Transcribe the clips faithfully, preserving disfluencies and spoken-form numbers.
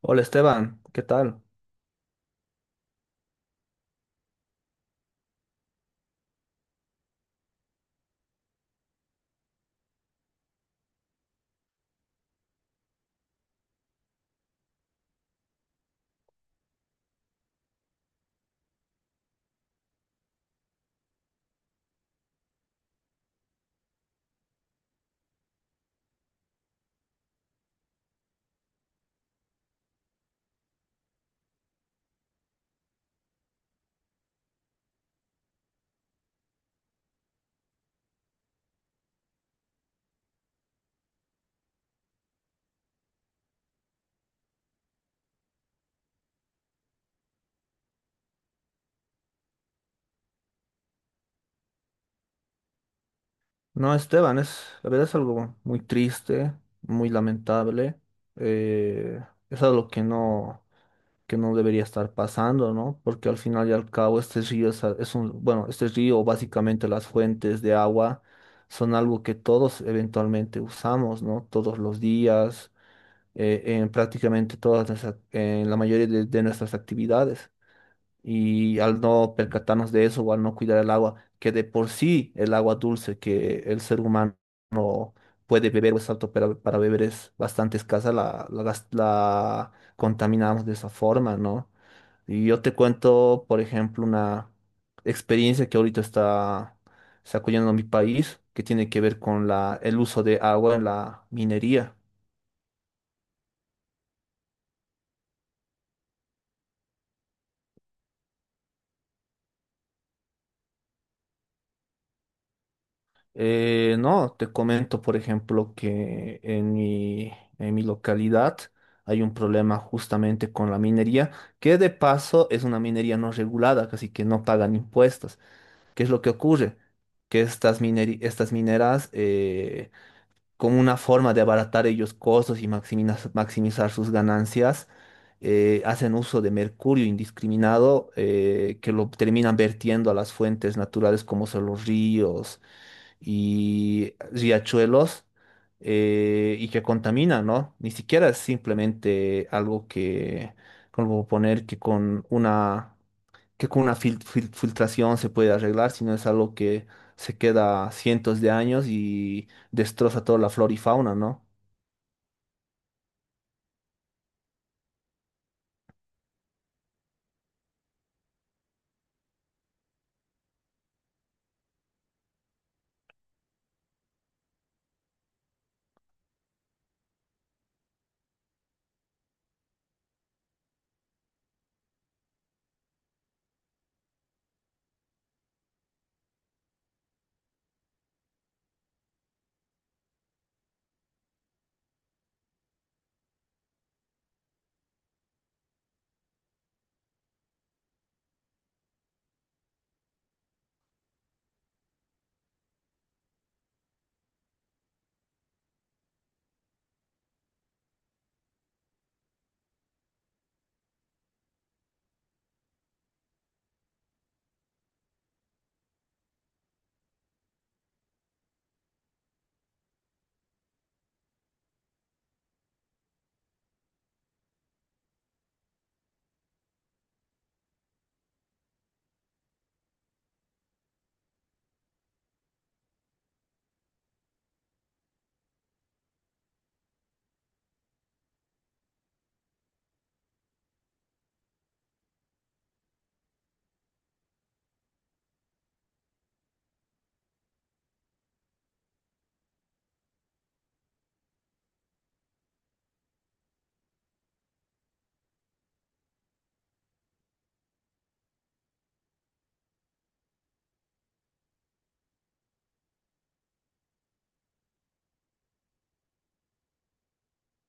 Hola Esteban, ¿qué tal? No, Esteban, es, la verdad es algo muy triste, muy lamentable. eh, es algo que no, que no debería estar pasando, ¿no? Porque al final y al cabo este río es, a- es un, bueno, este río, básicamente las fuentes de agua, son algo que todos eventualmente usamos, ¿no? Todos los días, eh, en prácticamente todas nuestras- en la mayoría de de nuestras actividades. Y al no percatarnos de eso o al no cuidar el agua, que de por sí el agua dulce que el ser humano puede beber o es apto para, para beber es bastante escasa, la, la, gas- la contaminamos de esa forma, ¿no? Y yo te cuento, por ejemplo, una experiencia que ahorita está sacudiendo mi país, que tiene que ver con la, el uso de agua en la minería. Eh, no, te comento, por ejemplo, que en mi, en mi localidad hay un problema justamente con la minería, que de paso es una minería no regulada, casi que no pagan impuestos. ¿Qué es lo que ocurre? Que estas mineri- estas mineras, eh, como una forma de abaratar ellos costos y maximizar, maximizar sus ganancias, eh, hacen uso de mercurio indiscriminado, eh, que lo terminan vertiendo a las fuentes naturales como son los ríos y riachuelos, eh, y que contaminan, ¿no? Ni siquiera es simplemente algo que, como poner que con una, que con una fil- fil- filtración se puede arreglar, sino es algo que se queda cientos de años y destroza toda la flora y fauna, ¿no?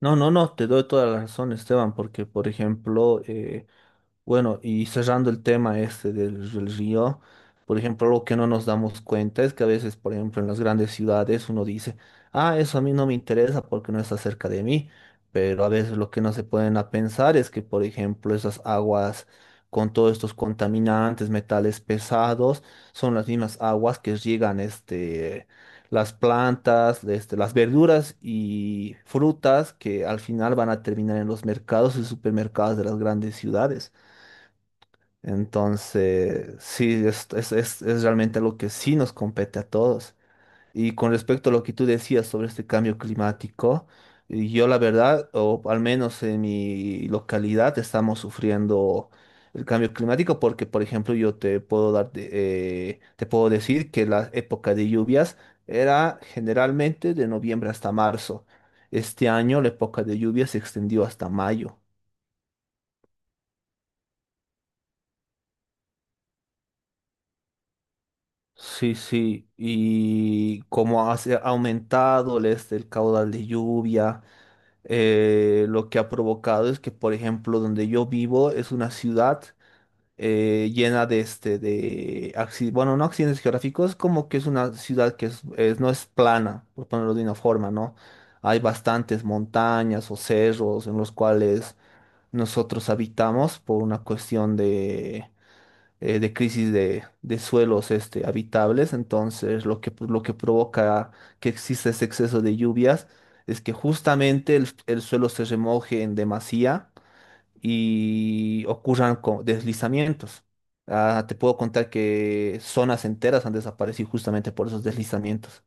No, no, no, te doy toda la razón, Esteban, porque, por ejemplo, eh, bueno, y cerrando el tema este del, del río, por ejemplo, lo que no nos damos cuenta es que a veces, por ejemplo, en las grandes ciudades uno dice, ah, eso a mí no me interesa porque no está cerca de mí, pero a veces lo que no se pueden a pensar es que, por ejemplo, esas aguas con todos estos contaminantes, metales pesados, son las mismas aguas que riegan este, las plantas, este, las verduras y frutas que al final van a terminar en los mercados y supermercados de las grandes ciudades. Entonces, sí, es, es, es, es realmente algo que sí nos compete a todos. Y con respecto a lo que tú decías sobre este cambio climático, y yo la verdad, o al menos en mi localidad, estamos sufriendo el cambio climático porque, por ejemplo, yo te puedo dar, de- eh, te puedo decir que la época de lluvias era generalmente de noviembre hasta marzo. Este año la época de lluvias se extendió hasta mayo. Sí, sí, y como ha se ha aumentado el, este, el caudal de lluvia, eh, lo que ha provocado es que, por ejemplo, donde yo vivo es una ciudad, eh, llena de, este, de acci- bueno, no accidentes geográficos, como que es una ciudad que es- es- no es plana, por ponerlo de una forma, ¿no? Hay bastantes montañas o cerros en los cuales nosotros habitamos por una cuestión, eh, de crisis de, de suelos este, habitables. Entonces, lo que, lo que provoca que exista ese exceso de lluvias es que justamente el, el suelo se remoje en demasía y ocurran co- deslizamientos. Ah, te puedo contar que zonas enteras han desaparecido justamente por esos deslizamientos.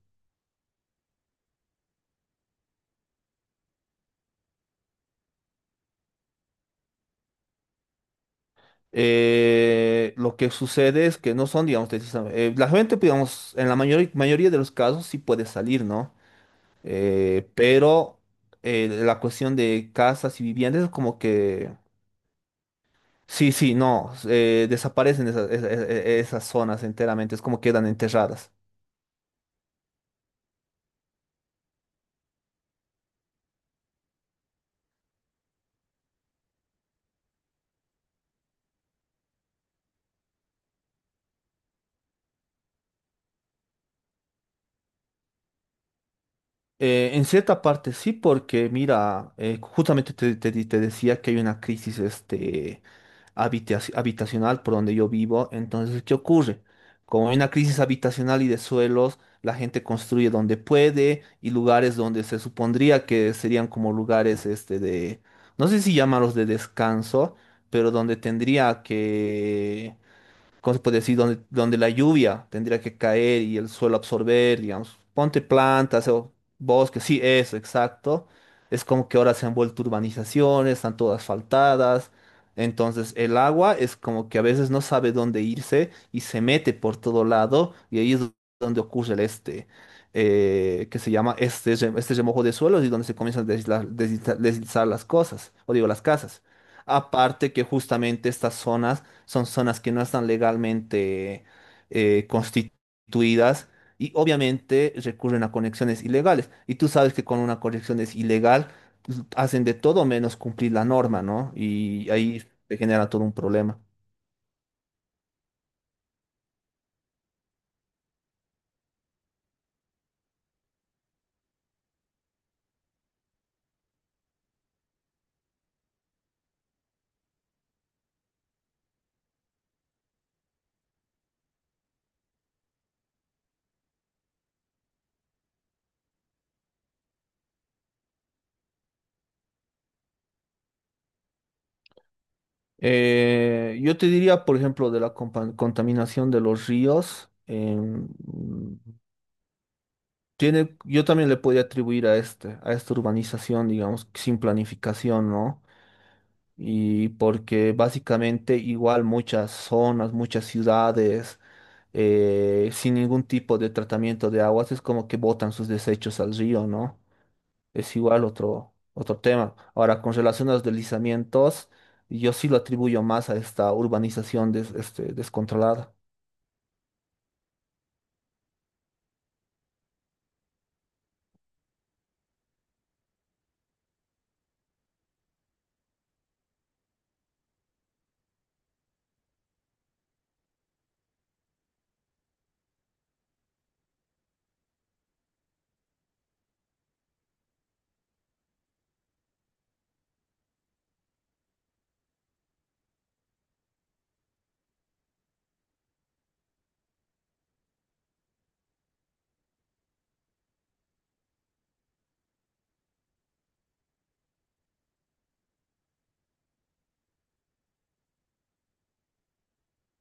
Eh, lo que sucede es que no son, digamos, deslizam- eh, la gente, digamos, en la mayor- mayoría de los casos sí puede salir, ¿no? Eh, pero eh, la cuestión de casas y viviendas es como que... Sí, sí, no, eh, desaparecen esas, esa- e- e- esas zonas enteramente, es como quedan enterradas. Eh, en cierta parte sí, porque mira, eh, justamente te, te- te decía que hay una crisis este, habitaci- habitacional por donde yo vivo. Entonces, ¿qué ocurre? Como hay una crisis habitacional y de suelos, la gente construye donde puede y lugares donde se supondría que serían como lugares este de, no sé si llamarlos de descanso, pero donde tendría que, ¿cómo se puede decir? Donde, donde la lluvia tendría que caer y el suelo absorber, digamos. Ponte plantas o bosques, sí, eso, exacto. Es como que ahora se han vuelto urbanizaciones, están todas asfaltadas. Entonces el agua es como que a veces no sabe dónde irse y se mete por todo lado y ahí es donde ocurre el este, eh, que se llama este, rem- este remojo de suelos y donde se comienzan a deslizar, deslizar- deslizar las cosas, o digo las casas. Aparte que justamente estas zonas son zonas que no están legalmente, eh, constituidas y obviamente recurren a conexiones ilegales. Y tú sabes que con una conexión es ilegal, hacen de todo menos cumplir la norma, ¿no? Y ahí se genera todo un problema. Eh, yo te diría, por ejemplo, de la compa- contaminación de los ríos, em, tiene, yo también le podría atribuir a este, a esta urbanización, digamos, sin planificación, ¿no? Y porque básicamente igual muchas zonas, muchas ciudades, eh, sin ningún tipo de tratamiento de aguas, es como que botan sus desechos al río, ¿no? Es igual otro, otro tema. Ahora, con relación a los deslizamientos, yo sí lo atribuyo más a esta urbanización des- este, descontrolada.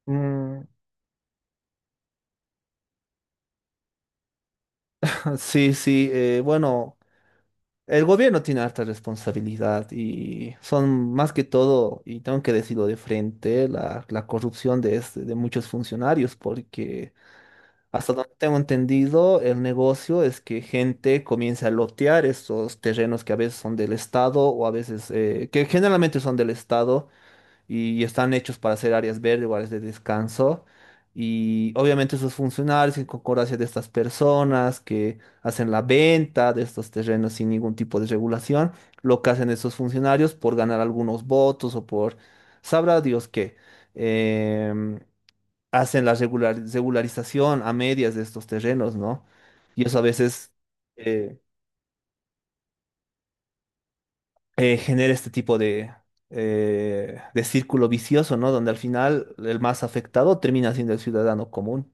Mm. Sí, sí, eh, bueno, el gobierno tiene harta responsabilidad y son más que todo, y tengo que decirlo de frente, la, la corrupción de, este- de muchos funcionarios, porque hasta donde tengo entendido, el negocio es que gente comienza a lotear estos terrenos que a veces son del Estado o a veces, eh, que generalmente son del Estado y están hechos para ser áreas verdes o áreas de descanso. Y obviamente esos funcionarios en concordancia de estas personas que hacen la venta de estos terrenos sin ningún tipo de regulación, lo que hacen esos funcionarios por ganar algunos votos o por, sabrá Dios qué, em, hacen la regular- regularización a medias de estos terrenos, ¿no? Y eso a veces... eh, eh, genera este tipo de, eh, de círculo vicioso, ¿no? Donde al final el más afectado termina siendo el ciudadano común.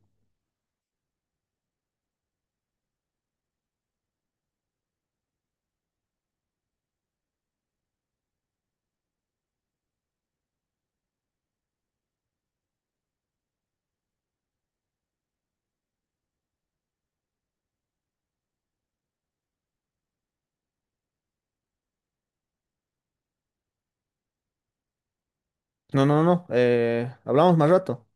No, no, no. Eh, hablamos más rato.